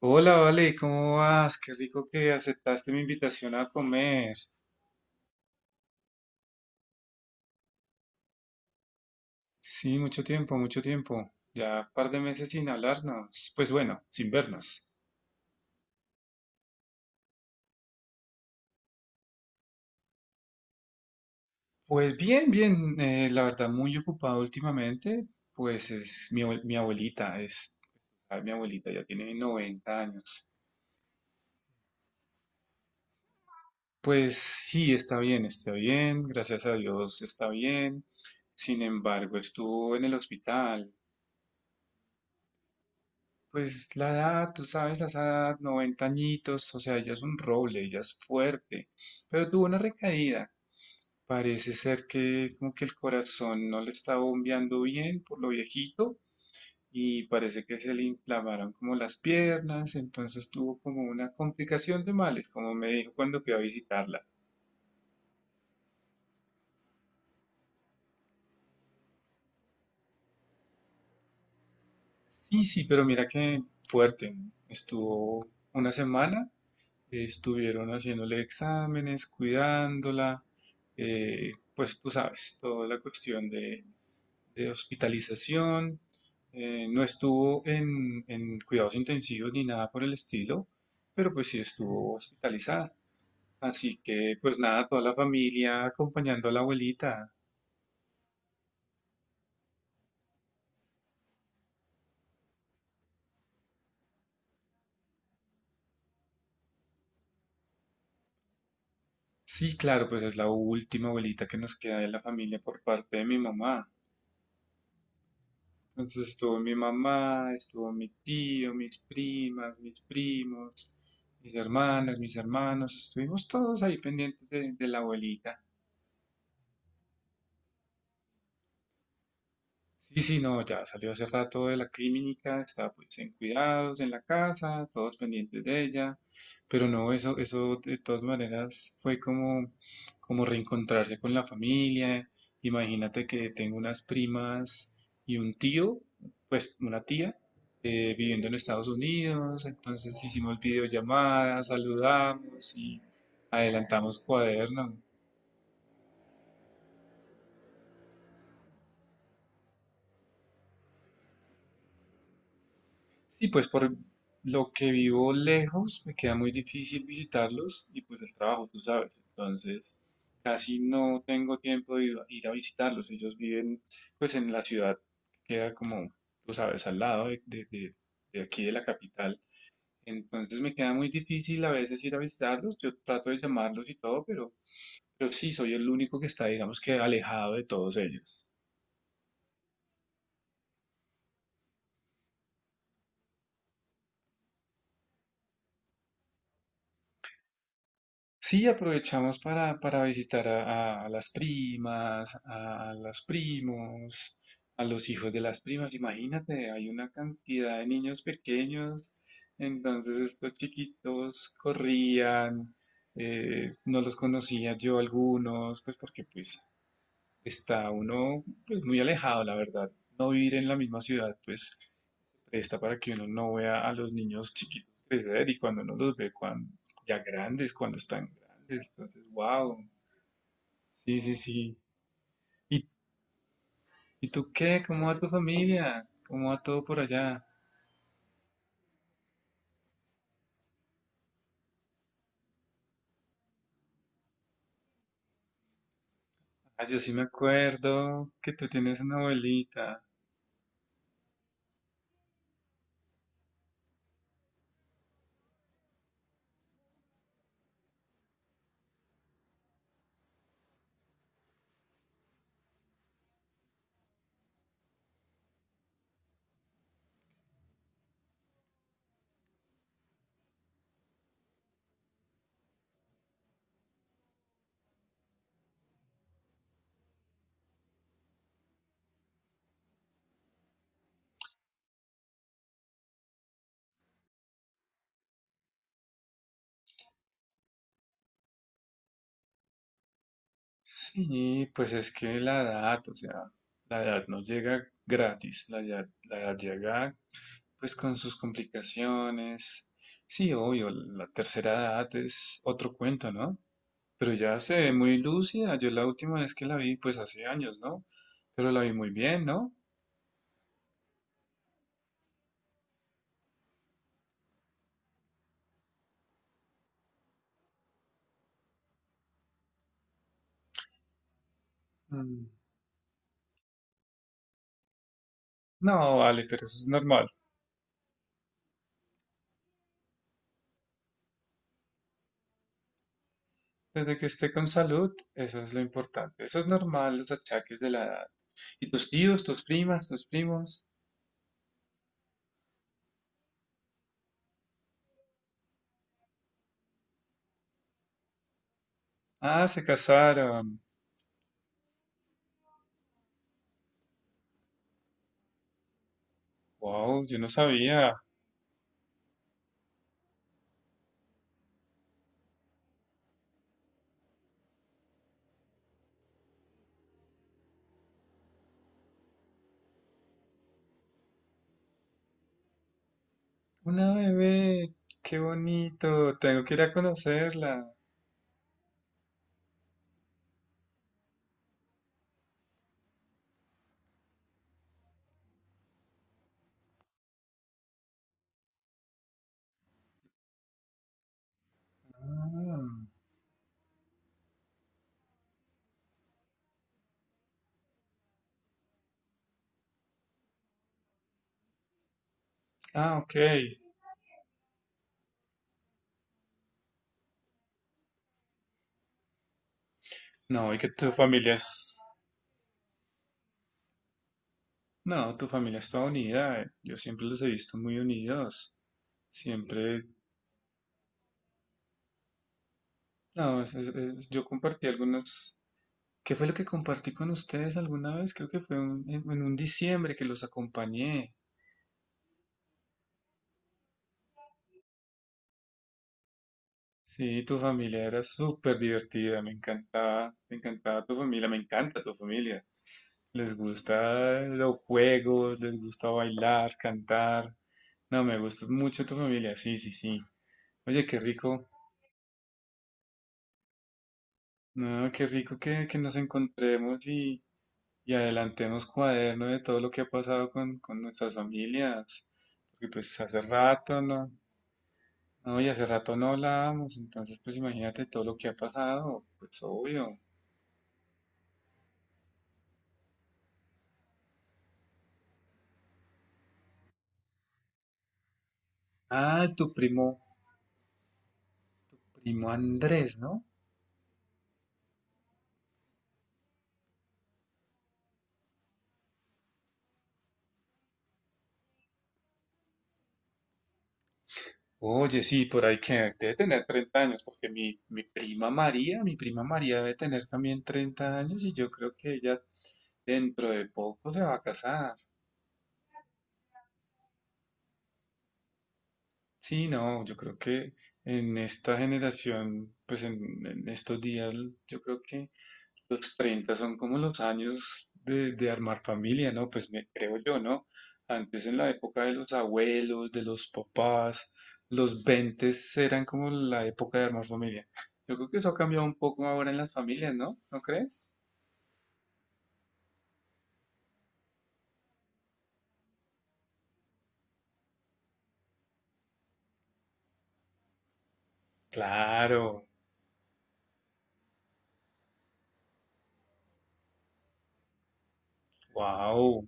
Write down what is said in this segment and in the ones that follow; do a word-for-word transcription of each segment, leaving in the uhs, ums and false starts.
Hola, Vale, ¿cómo vas? Qué rico que aceptaste mi invitación a comer. Sí, mucho tiempo, mucho tiempo. Ya un par de meses sin hablarnos. Pues bueno, sin vernos. Pues bien, bien. Eh, la verdad, muy ocupado últimamente. Pues es mi, abue- mi abuelita, es ah, mi abuelita, ya tiene noventa años. Pues sí, está bien, está bien. Gracias a Dios, está bien. Sin embargo, estuvo en el hospital. Pues la edad, tú sabes, a esa edad, noventa añitos, o sea, ella es un roble, ella es fuerte, pero tuvo una recaída. Parece ser que como que el corazón no le está bombeando bien por lo viejito y parece que se le inflamaron como las piernas, entonces tuvo como una complicación de males, como me dijo cuando fui a visitarla. Sí, sí, pero mira que fuerte, estuvo una semana. Estuvieron haciéndole exámenes, cuidándola, eh, pues tú sabes, toda la cuestión de, de hospitalización. Eh, no estuvo en, en cuidados intensivos ni nada por el estilo, pero pues sí estuvo hospitalizada. Así que pues nada, toda la familia acompañando a la abuelita. Sí, claro, pues es la última abuelita que nos queda de la familia por parte de mi mamá. Entonces estuvo mi mamá, estuvo mi tío, mis primas, mis primos, mis hermanas, mis hermanos, estuvimos todos ahí pendientes de, de la abuelita. Sí, sí, no, ya salió hace rato de la clínica, está pues en cuidados, en la casa, todos pendientes de ella, pero no, eso, eso de todas maneras fue como, como reencontrarse con la familia. Imagínate que tengo unas primas y un tío, pues una tía, eh, viviendo en Estados Unidos, entonces hicimos videollamadas, saludamos y adelantamos cuaderno. Sí, pues por lo que vivo lejos, me queda muy difícil visitarlos y pues el trabajo, tú sabes. Entonces, casi no tengo tiempo de ir a ir a visitarlos. Ellos viven pues en la ciudad, que queda como, tú sabes, al lado de, de- de- de aquí de la capital. Entonces me queda muy difícil a veces ir a visitarlos. Yo trato de llamarlos y todo, pero, pero sí, soy el único que está, digamos que alejado de todos ellos. Sí, aprovechamos para, para visitar a, a a las primas, a, a los primos, a los hijos de las primas. Imagínate, hay una cantidad de niños pequeños, entonces estos chiquitos corrían, eh, no los conocía yo algunos, pues porque pues está uno pues muy alejado, la verdad, no vivir en la misma ciudad, pues presta para que uno no vea a los niños chiquitos crecer y cuando uno los ve cuando, ya grandes, cuando están grandes. Entonces, wow. Sí, sí, sí. ¿Y, ¿y tú qué? ¿Cómo va tu familia? ¿Cómo va todo por allá? Ah, yo sí me acuerdo que tú tienes una abuelita. Sí, pues es que la edad, o sea, la edad no llega gratis, la edad, la edad llega pues con sus complicaciones. Sí, obvio, la tercera edad es otro cuento, ¿no? Pero ya se ve muy lúcida. Yo la última vez que la vi, pues hace años, ¿no? Pero la vi muy bien, ¿no? Mm, no, vale, pero eso es normal. Desde que esté con salud, eso es lo importante. Eso es normal, los achaques de la edad. ¿Y tus tíos, tus primas, tus primos? Ah, se casaron. Wow, yo no sabía. Una bebé, qué bonito. Tengo que ir a conocerla. Ah, ah, ok. No, y que tu familia es... No, tu familia es toda unida. eh. Yo siempre los he visto muy unidos. Siempre, no, es- es- es- yo compartí algunos. ¿Qué fue lo que compartí con ustedes alguna vez? Creo que fue un- en, en un diciembre que los acompañé. Sí, tu familia era súper divertida. Me encantaba, me encantaba tu familia, me encanta tu familia. Les gusta los juegos, les gusta bailar, cantar. No, me gusta mucho tu familia. Sí, sí, sí. Oye, qué rico. No, qué rico que, que nos encontremos y adelantemos cuaderno de todo lo que ha pasado con, con nuestras familias, porque pues hace rato no, no, y hace rato no hablábamos, entonces pues imagínate todo lo que ha pasado, pues obvio. Ah, tu primo, primo Andrés, ¿no? Oye, sí, por ahí que debe tener treinta años, porque mi, mi prima María, mi prima María debe tener también treinta años y yo creo que ella dentro de poco se va a casar. Sí, no, yo creo que en esta generación, pues en, en estos días, yo creo que los treinta son como los años de, de armar familia, ¿no? Pues me creo yo, ¿no? Antes en la época de los abuelos, de los papás, los veinte eran como la época de armar familia. Yo creo que eso ha cambiado un poco ahora en las familias, ¿no? ¿No crees? Claro, wow.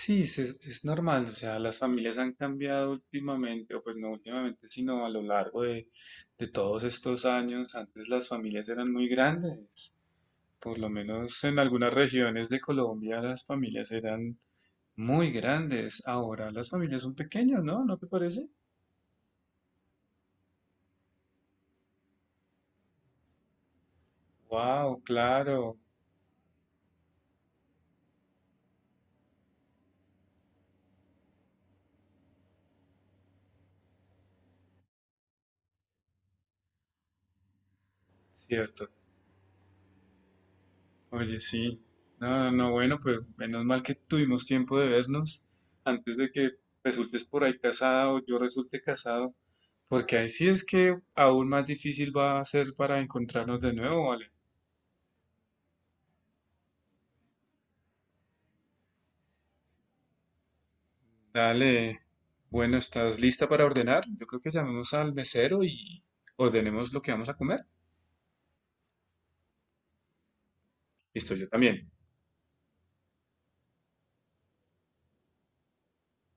Sí, es, es- es normal, o sea, las familias han cambiado últimamente, o pues no últimamente, sino a lo largo de, de todos estos años. Antes las familias eran muy grandes, por lo menos en algunas regiones de Colombia las familias eran muy grandes. Ahora las familias son pequeñas, ¿no? ¿No te parece? Wow, claro, cierto. Oye, sí. No, no, no, bueno, pues menos mal que tuvimos tiempo de vernos antes de que resultes por ahí casada o yo resulte casado, porque ahí sí es que aún más difícil va a ser para encontrarnos de nuevo, ¿vale? Dale. Bueno, ¿estás lista para ordenar? Yo creo que llamemos al mesero y ordenemos lo que vamos a comer. Listo, yo también.